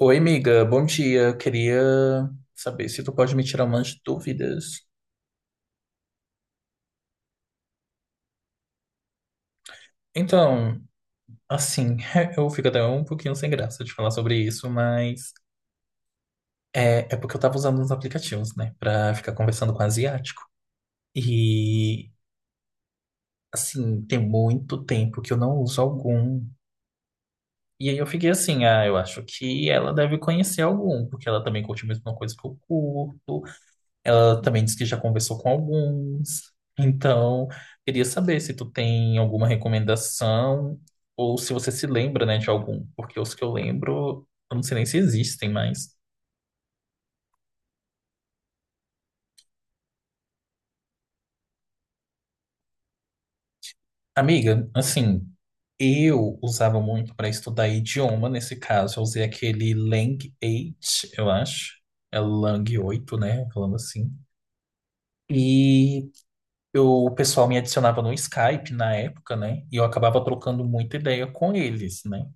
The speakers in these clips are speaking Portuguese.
Oi, amiga, bom dia. Eu queria saber se tu pode me tirar umas dúvidas. Então, assim, eu fico até um pouquinho sem graça de falar sobre isso, mas é porque eu tava usando uns aplicativos, né, pra ficar conversando com asiático. E, assim, tem muito tempo que eu não uso algum. E aí eu fiquei assim, ah, eu acho que ela deve conhecer algum, porque ela também curte a mesma coisa que eu curto. Ela também disse que já conversou com alguns. Então, queria saber se tu tem alguma recomendação ou se você se lembra, né, de algum, porque os que eu lembro, eu não sei nem se existem mais. Amiga, assim, eu usava muito para estudar idioma, nesse caso, eu usei aquele Lang 8, eu acho. É Lang oito, né, falando assim. E eu, o pessoal me adicionava no Skype na época, né? E eu acabava trocando muita ideia com eles, né?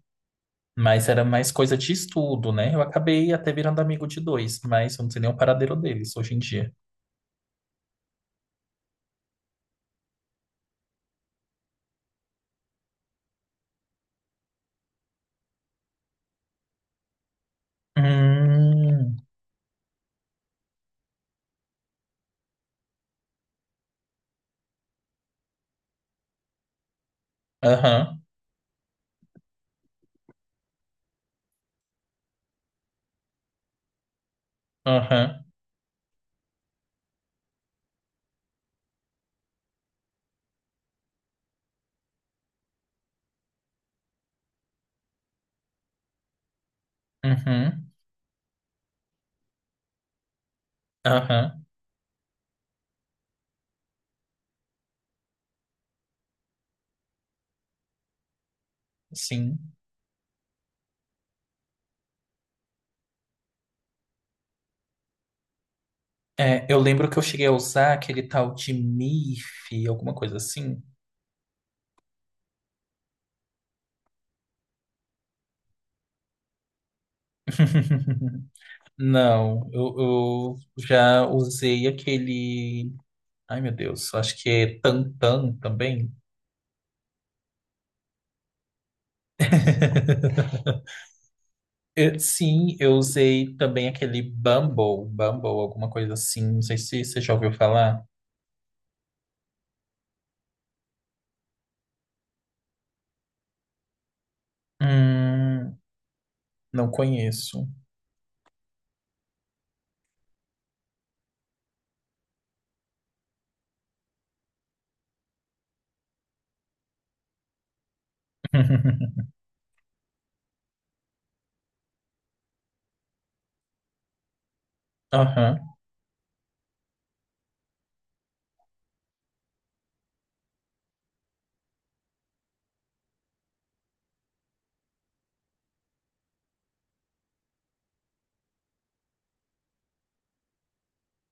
Mas era mais coisa de estudo, né? Eu acabei até virando amigo de dois, mas eu não sei nem o paradeiro deles hoje em dia. Hum, aham, aham, uhum, aham, sim. É, eu lembro que eu cheguei a usar aquele tal de MIF, alguma coisa assim. Não, eu já usei aquele. Ai, meu Deus, acho que é Tantan também. Sim, eu usei também aquele Bumble, Bumble, alguma coisa assim. Não sei se você já ouviu falar. Hum, não conheço. Aham,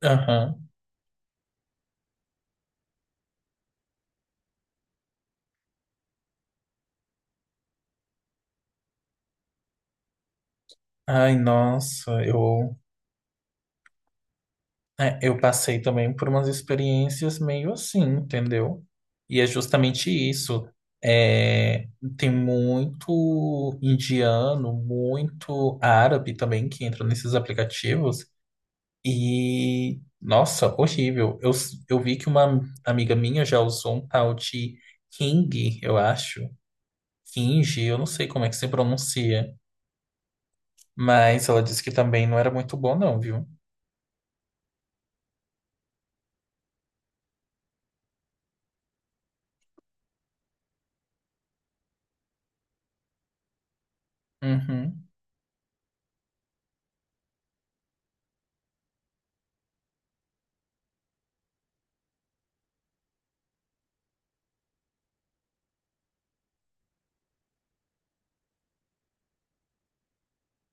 aham. Ai, nossa, eu passei também por umas experiências meio assim, entendeu? E é justamente isso. É, tem muito indiano, muito árabe também que entra nesses aplicativos. E, nossa, horrível. Eu vi que uma amiga minha já usou um tal de King, eu acho. Kinji, eu não sei como é que se pronuncia. Mas ela disse que também não era muito bom, não, viu? Uhum.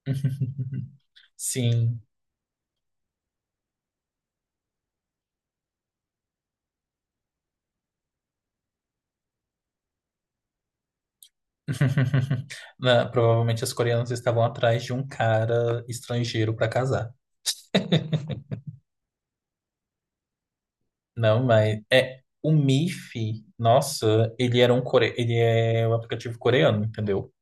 Sim. Provavelmente as coreanas estavam atrás de um cara estrangeiro para casar. Não, mas é o Miff, nossa, ele é um aplicativo coreano, entendeu?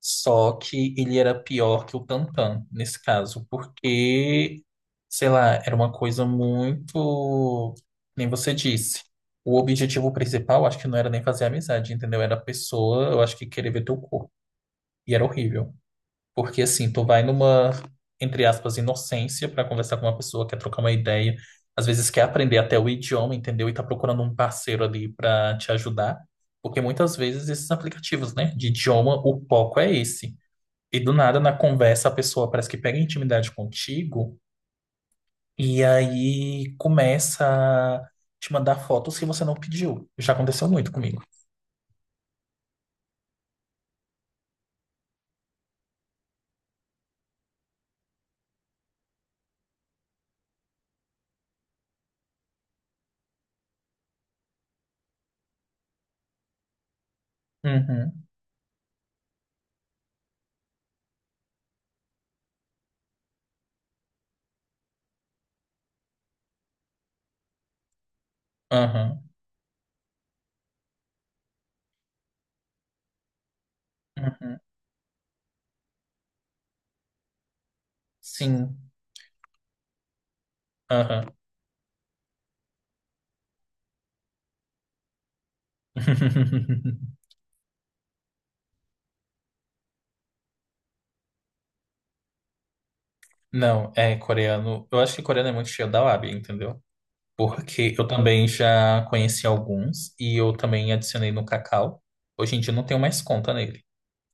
Só que ele era pior que o Tantan, nesse caso, porque, sei lá, era uma coisa muito. Nem você disse. O objetivo principal, acho que não era nem fazer amizade, entendeu? Era a pessoa, eu acho que querer ver teu corpo. E era horrível. Porque, assim, tu vai numa, entre aspas, inocência pra conversar com uma pessoa, quer trocar uma ideia, às vezes quer aprender até o idioma, entendeu? E tá procurando um parceiro ali pra te ajudar. Porque muitas vezes esses aplicativos, né, de idioma, o foco é esse. E do nada, na conversa, a pessoa parece que pega intimidade contigo e aí começa a te mandar fotos que você não pediu. Já aconteceu muito comigo. Uhum, uhum, uhum. Sim, aham. Não, é coreano. Eu acho que coreano é muito cheio da lábia, entendeu? Porque eu também já conheci alguns e eu também adicionei no Kakao. Hoje em dia eu não tenho mais conta nele.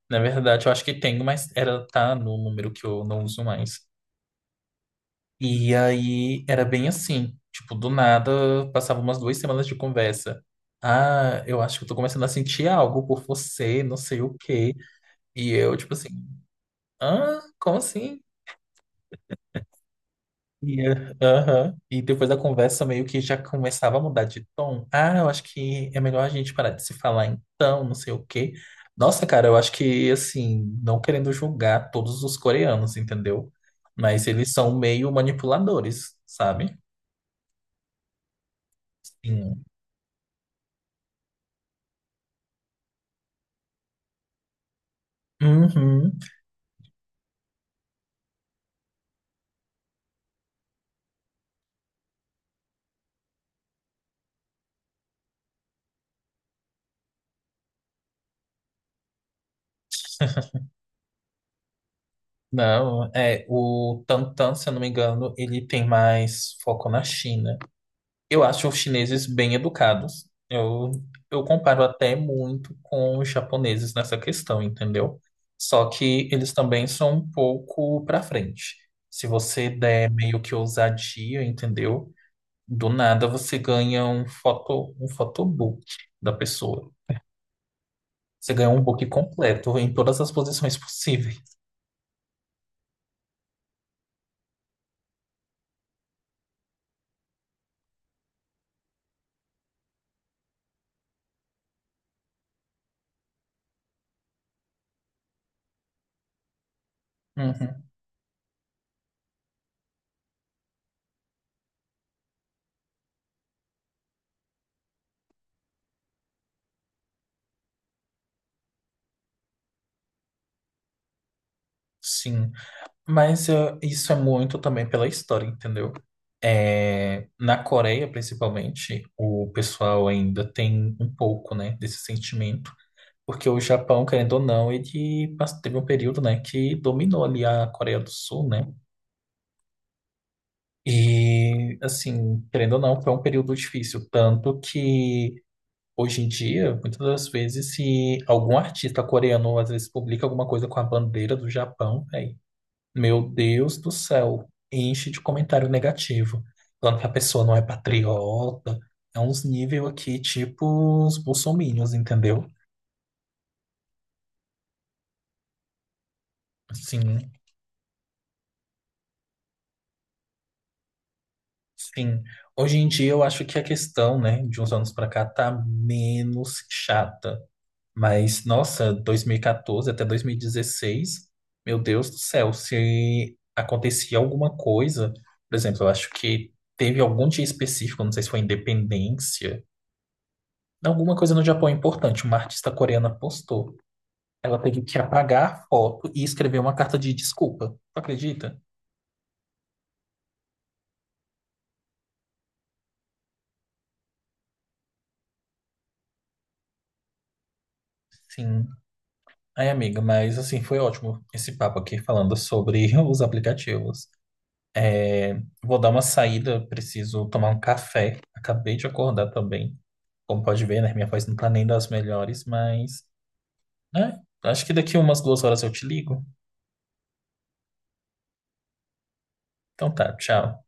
Na verdade, eu acho que tenho, mas era tá no número que eu não uso mais. E aí era bem assim, tipo, do nada passava umas 2 semanas de conversa. Ah, eu acho que eu tô começando a sentir algo por você, não sei o quê. E eu, tipo assim, ah, como assim? E, aham. E depois da conversa meio que já começava a mudar de tom. Ah, eu acho que é melhor a gente parar de se falar então, não sei o quê. Nossa, cara, eu acho que, assim, não querendo julgar todos os coreanos, entendeu? Mas eles são meio manipuladores, sabe? Sim. Uhum. Não, é o Tantan, se eu não me engano, ele tem mais foco na China. Eu acho os chineses bem educados. Eu comparo até muito com os japoneses nessa questão, entendeu? Só que eles também são um pouco pra frente. Se você der meio que ousadia, entendeu? Do nada você ganha um foto, um photobook da pessoa. Você ganha um book completo em todas as posições possíveis. Uhum, sim. Mas eh, isso é muito também pela história, entendeu? É, na Coreia, principalmente, o pessoal ainda tem um pouco, né, desse sentimento, porque o Japão, querendo ou não, teve um período, né, que dominou ali a Coreia do Sul, né? E, assim, querendo ou não, foi um período difícil, tanto que hoje em dia, muitas das vezes, se algum artista coreano às vezes publica alguma coisa com a bandeira do Japão, né? Meu Deus do céu, enche de comentário negativo, falando que a pessoa não é patriota. É uns nível aqui, tipo os bolsominions, entendeu? Sim, sim. Hoje em dia eu acho que a questão, né, de uns anos pra cá tá menos chata. Mas, nossa, 2014 até 2016, meu Deus do céu, se acontecia alguma coisa, por exemplo, eu acho que teve algum dia específico, não sei se foi independência. Alguma coisa no Japão é importante, uma artista coreana postou. Ela teve que apagar a foto e escrever uma carta de desculpa. Tu acredita? Sim. Ai, amiga, mas assim, foi ótimo esse papo aqui falando sobre os aplicativos. É, vou dar uma saída, preciso tomar um café. Acabei de acordar também. Como pode ver, né? Minha voz não tá nem das melhores, mas, né? Acho que daqui umas 2 horas eu te ligo. Então tá, tchau.